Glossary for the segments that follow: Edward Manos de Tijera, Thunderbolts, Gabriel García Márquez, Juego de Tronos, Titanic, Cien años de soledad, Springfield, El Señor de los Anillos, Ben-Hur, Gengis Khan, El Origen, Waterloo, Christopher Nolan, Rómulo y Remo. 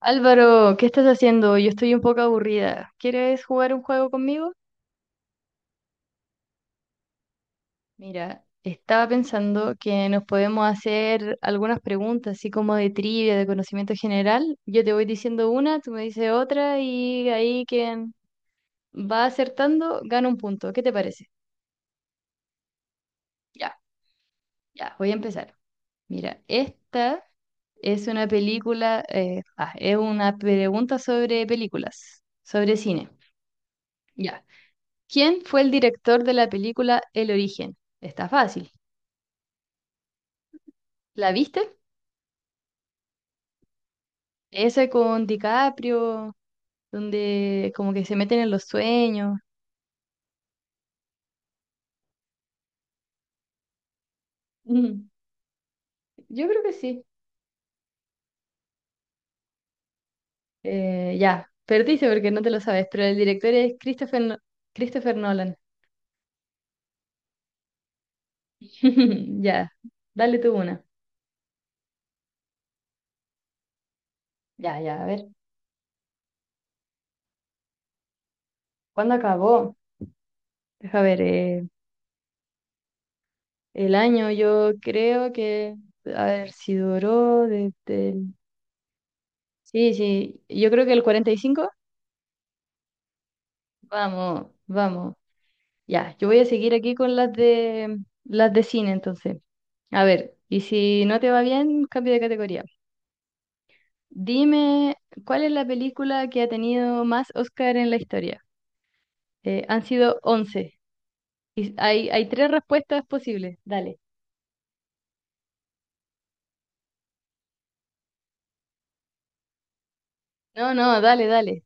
Álvaro, ¿qué estás haciendo? Yo estoy un poco aburrida. ¿Quieres jugar un juego conmigo? Mira, estaba pensando que nos podemos hacer algunas preguntas, así como de trivia, de conocimiento general. Yo te voy diciendo una, tú me dices otra y ahí quien va acertando gana un punto. ¿Qué te parece? Ya, ya, voy a empezar. Mira, esta es una película, es una pregunta sobre películas, sobre cine. Ya. ¿Quién fue el director de la película El Origen? Está fácil. ¿La viste? Ese con DiCaprio, donde como que se meten en los sueños. Mm, yo creo que sí. Ya, perdiste porque no te lo sabes, pero el director es Christopher, Christopher Nolan. Ya, dale tú una. Ya, ya, a ver. ¿Cuándo acabó? Deja ver, el año yo creo que, a ver, si duró desde el... Sí, sí, yo creo que el 45. Vamos, vamos. Ya, yo voy a seguir aquí con las de cine entonces. A ver, y si no te va bien, cambio de categoría. Dime, ¿cuál es la película que ha tenido más Oscar en la historia? Han sido once. Y hay tres respuestas posibles. Dale. No, no, dale, dale.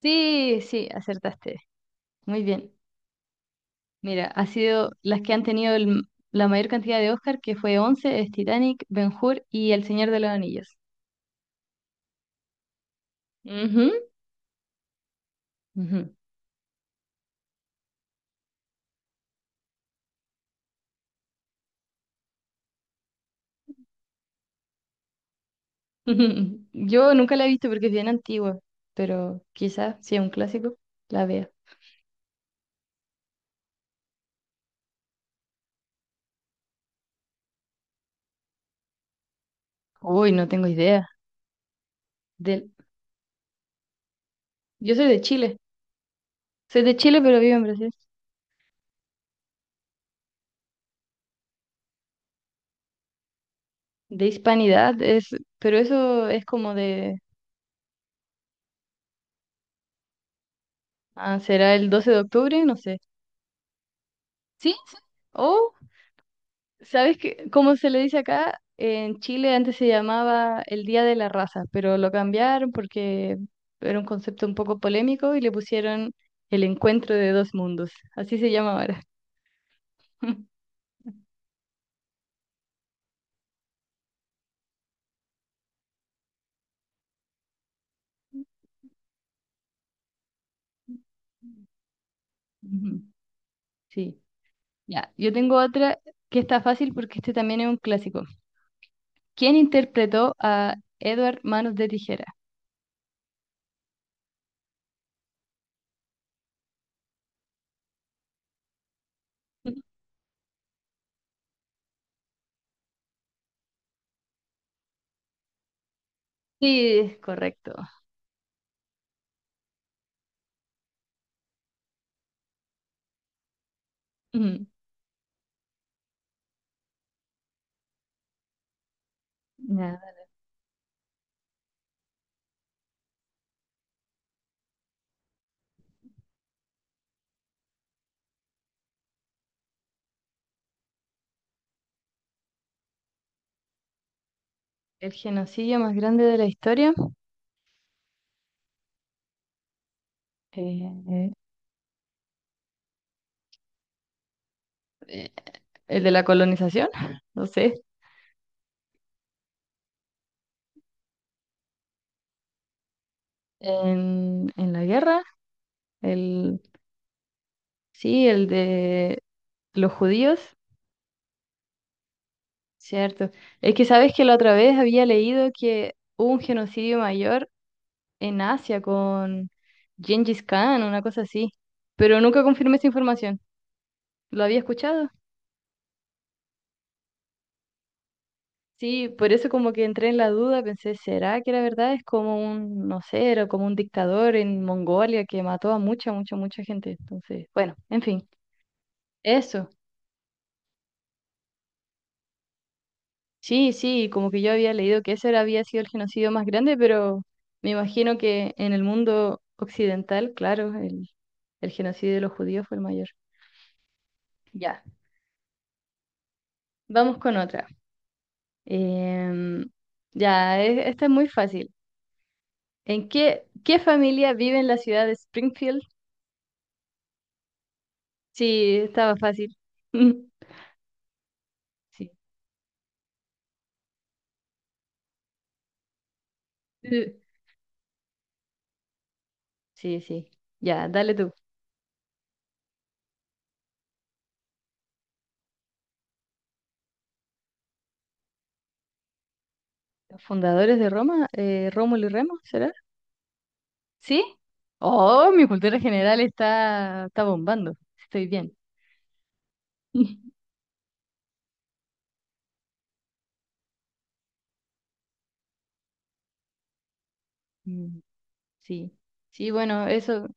Sí, sí, acertaste. Muy bien. Mira, ha sido las que han tenido la mayor cantidad de Oscar, que fue once, es Titanic, Ben-Hur y El Señor de los Anillos. Ujú, ujú. Yo nunca la he visto porque es bien antigua, pero quizás si es un clásico, la vea. Uy, no tengo idea. Del... Yo soy de Chile. Soy de Chile, pero vivo en Brasil. De hispanidad es, pero eso es como de, ah, ¿será el 12 de octubre? No sé. Sí, sí. O, ¿sabes qué? Como se le dice acá, en Chile antes se llamaba el Día de la Raza, pero lo cambiaron porque era un concepto un poco polémico y le pusieron el encuentro de dos mundos. Así se llama ahora. Ujú, sí, ya. Yo tengo otra que está fácil porque este también es un clásico. ¿Quién interpretó a Edward Manos de Tijera? Sí, correcto. Ujú. Nada, el genocidio más grande de la historia. Eh, eh, el de la colonización, no sé. En la guerra. El, sí, el de los judíos, cierto. Es que sabes que la otra vez había leído que hubo un genocidio mayor en Asia con Gengis Khan, una cosa así. Pero nunca confirmé esa información. ¿Lo había escuchado? Sí, por eso como que entré en la duda, pensé, ¿será que la verdad es como un, no sé, era como un dictador en Mongolia que mató a mucha, mucha, mucha gente? Entonces, bueno, en fin, eso. Sí, sí, como que yo había leído que ese había sido el genocidio más grande, pero me imagino que en el mundo occidental, claro, el genocidio de los judíos fue el mayor. Ya, vamos con otra. Em, ya, esta es muy fácil. ¿Qué familia vive en la ciudad de Springfield? Sí, estaba fácil. Sí, eh, sí, sí. Ya, dale tú. ¿Los fundadores de Roma? ¿Rómulo y Remo, será? ¿Sí? Oh, mi cultura general está, está bombando. Estoy bien. Mm, sí, sí, bueno, eso.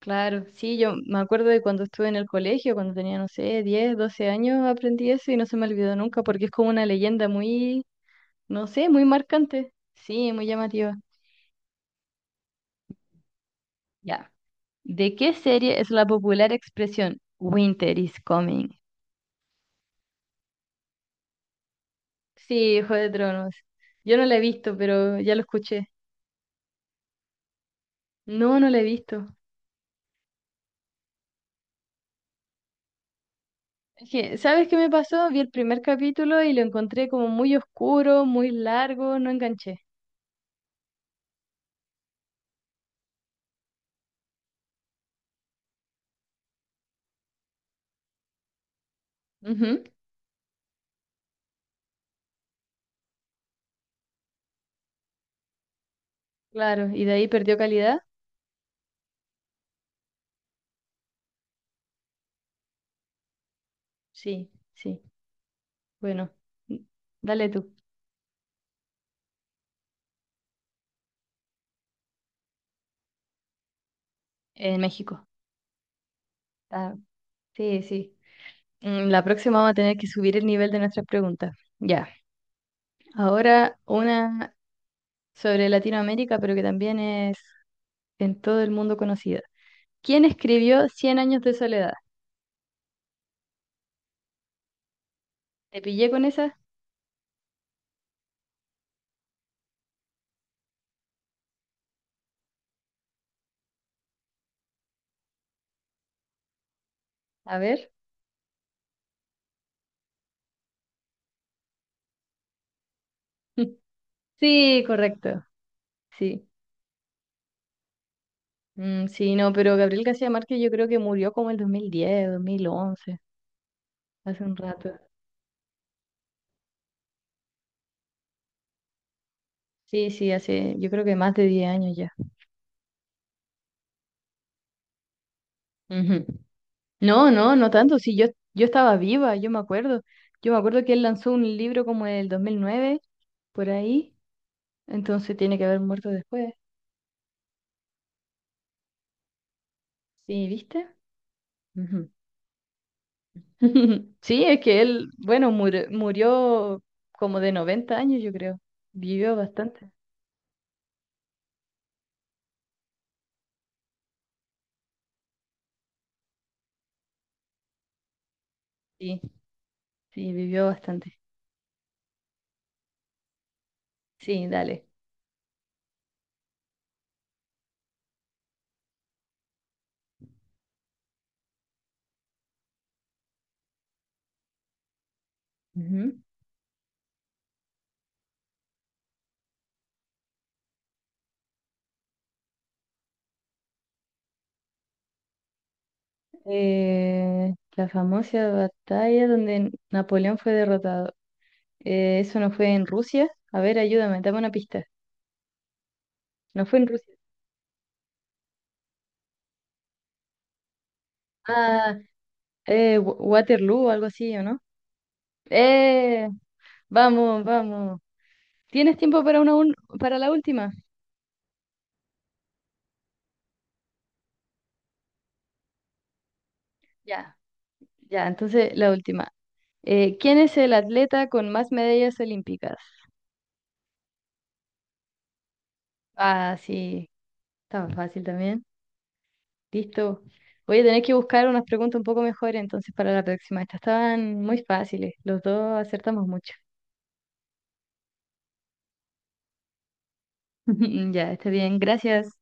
Claro, sí, yo me acuerdo de cuando estuve en el colegio, cuando tenía, no sé, 10, 12 años, aprendí eso y no se me olvidó nunca porque es como una leyenda muy, no sé, muy marcante. Sí, muy llamativa. Ya. ¿De qué serie es la popular expresión Winter is coming? Sí, Juego de Tronos. Yo no la he visto, pero ya lo escuché. No, no la he visto. Es que, ¿sabes qué me pasó? Vi el primer capítulo y lo encontré como muy oscuro, muy largo, no enganché. Ujú, claro, y de ahí perdió calidad. Sí, sí. Bueno, mm, dale tú, en México. Ah, sí, sí. Mm, la próxima vamos a tener que subir el nivel de nuestras preguntas. Ya. Ahora una sobre Latinoamérica, pero que también es en todo el mundo conocida. ¿Quién escribió Cien años de soledad? ¿Te pillé con esa? A ver. Sí, correcto. Sí. Mm, sí, no, pero Gabriel García Márquez yo creo que murió como el 2010, 2011. Hace un rato. Sí, sí, hace, yo creo que más de 10 años ya. Ujú. No, no, no tanto. Sí, yo estaba viva, yo me acuerdo. Yo me acuerdo que él lanzó un libro como en el 2009, por ahí. Entonces tiene que haber muerto después. Sí, ¿viste? Ujú. Sí, es que él, bueno, murió como de 90 años, yo creo. Vivió bastante. Sí, sí, vivió bastante. Sí, dale. Ujú. La famosa batalla donde Napoleón fue derrotado. Eso no fue en Rusia. A ver, ayúdame, dame una pista. No fue en Rusia. Ah, Waterloo algo así, ¿o no? Eh, vamos, vamos. ¿Tienes tiempo para una para la última? Ya, ya, entonces la última. ¿Quién es el atleta con más medallas olímpicas? Ah, sí, está fácil también. Listo. Voy a tener que buscar unas preguntas un poco mejores entonces para la próxima. Estas estaban muy fáciles. Los dos acertamos mucho. Ya, está bien. Gracias.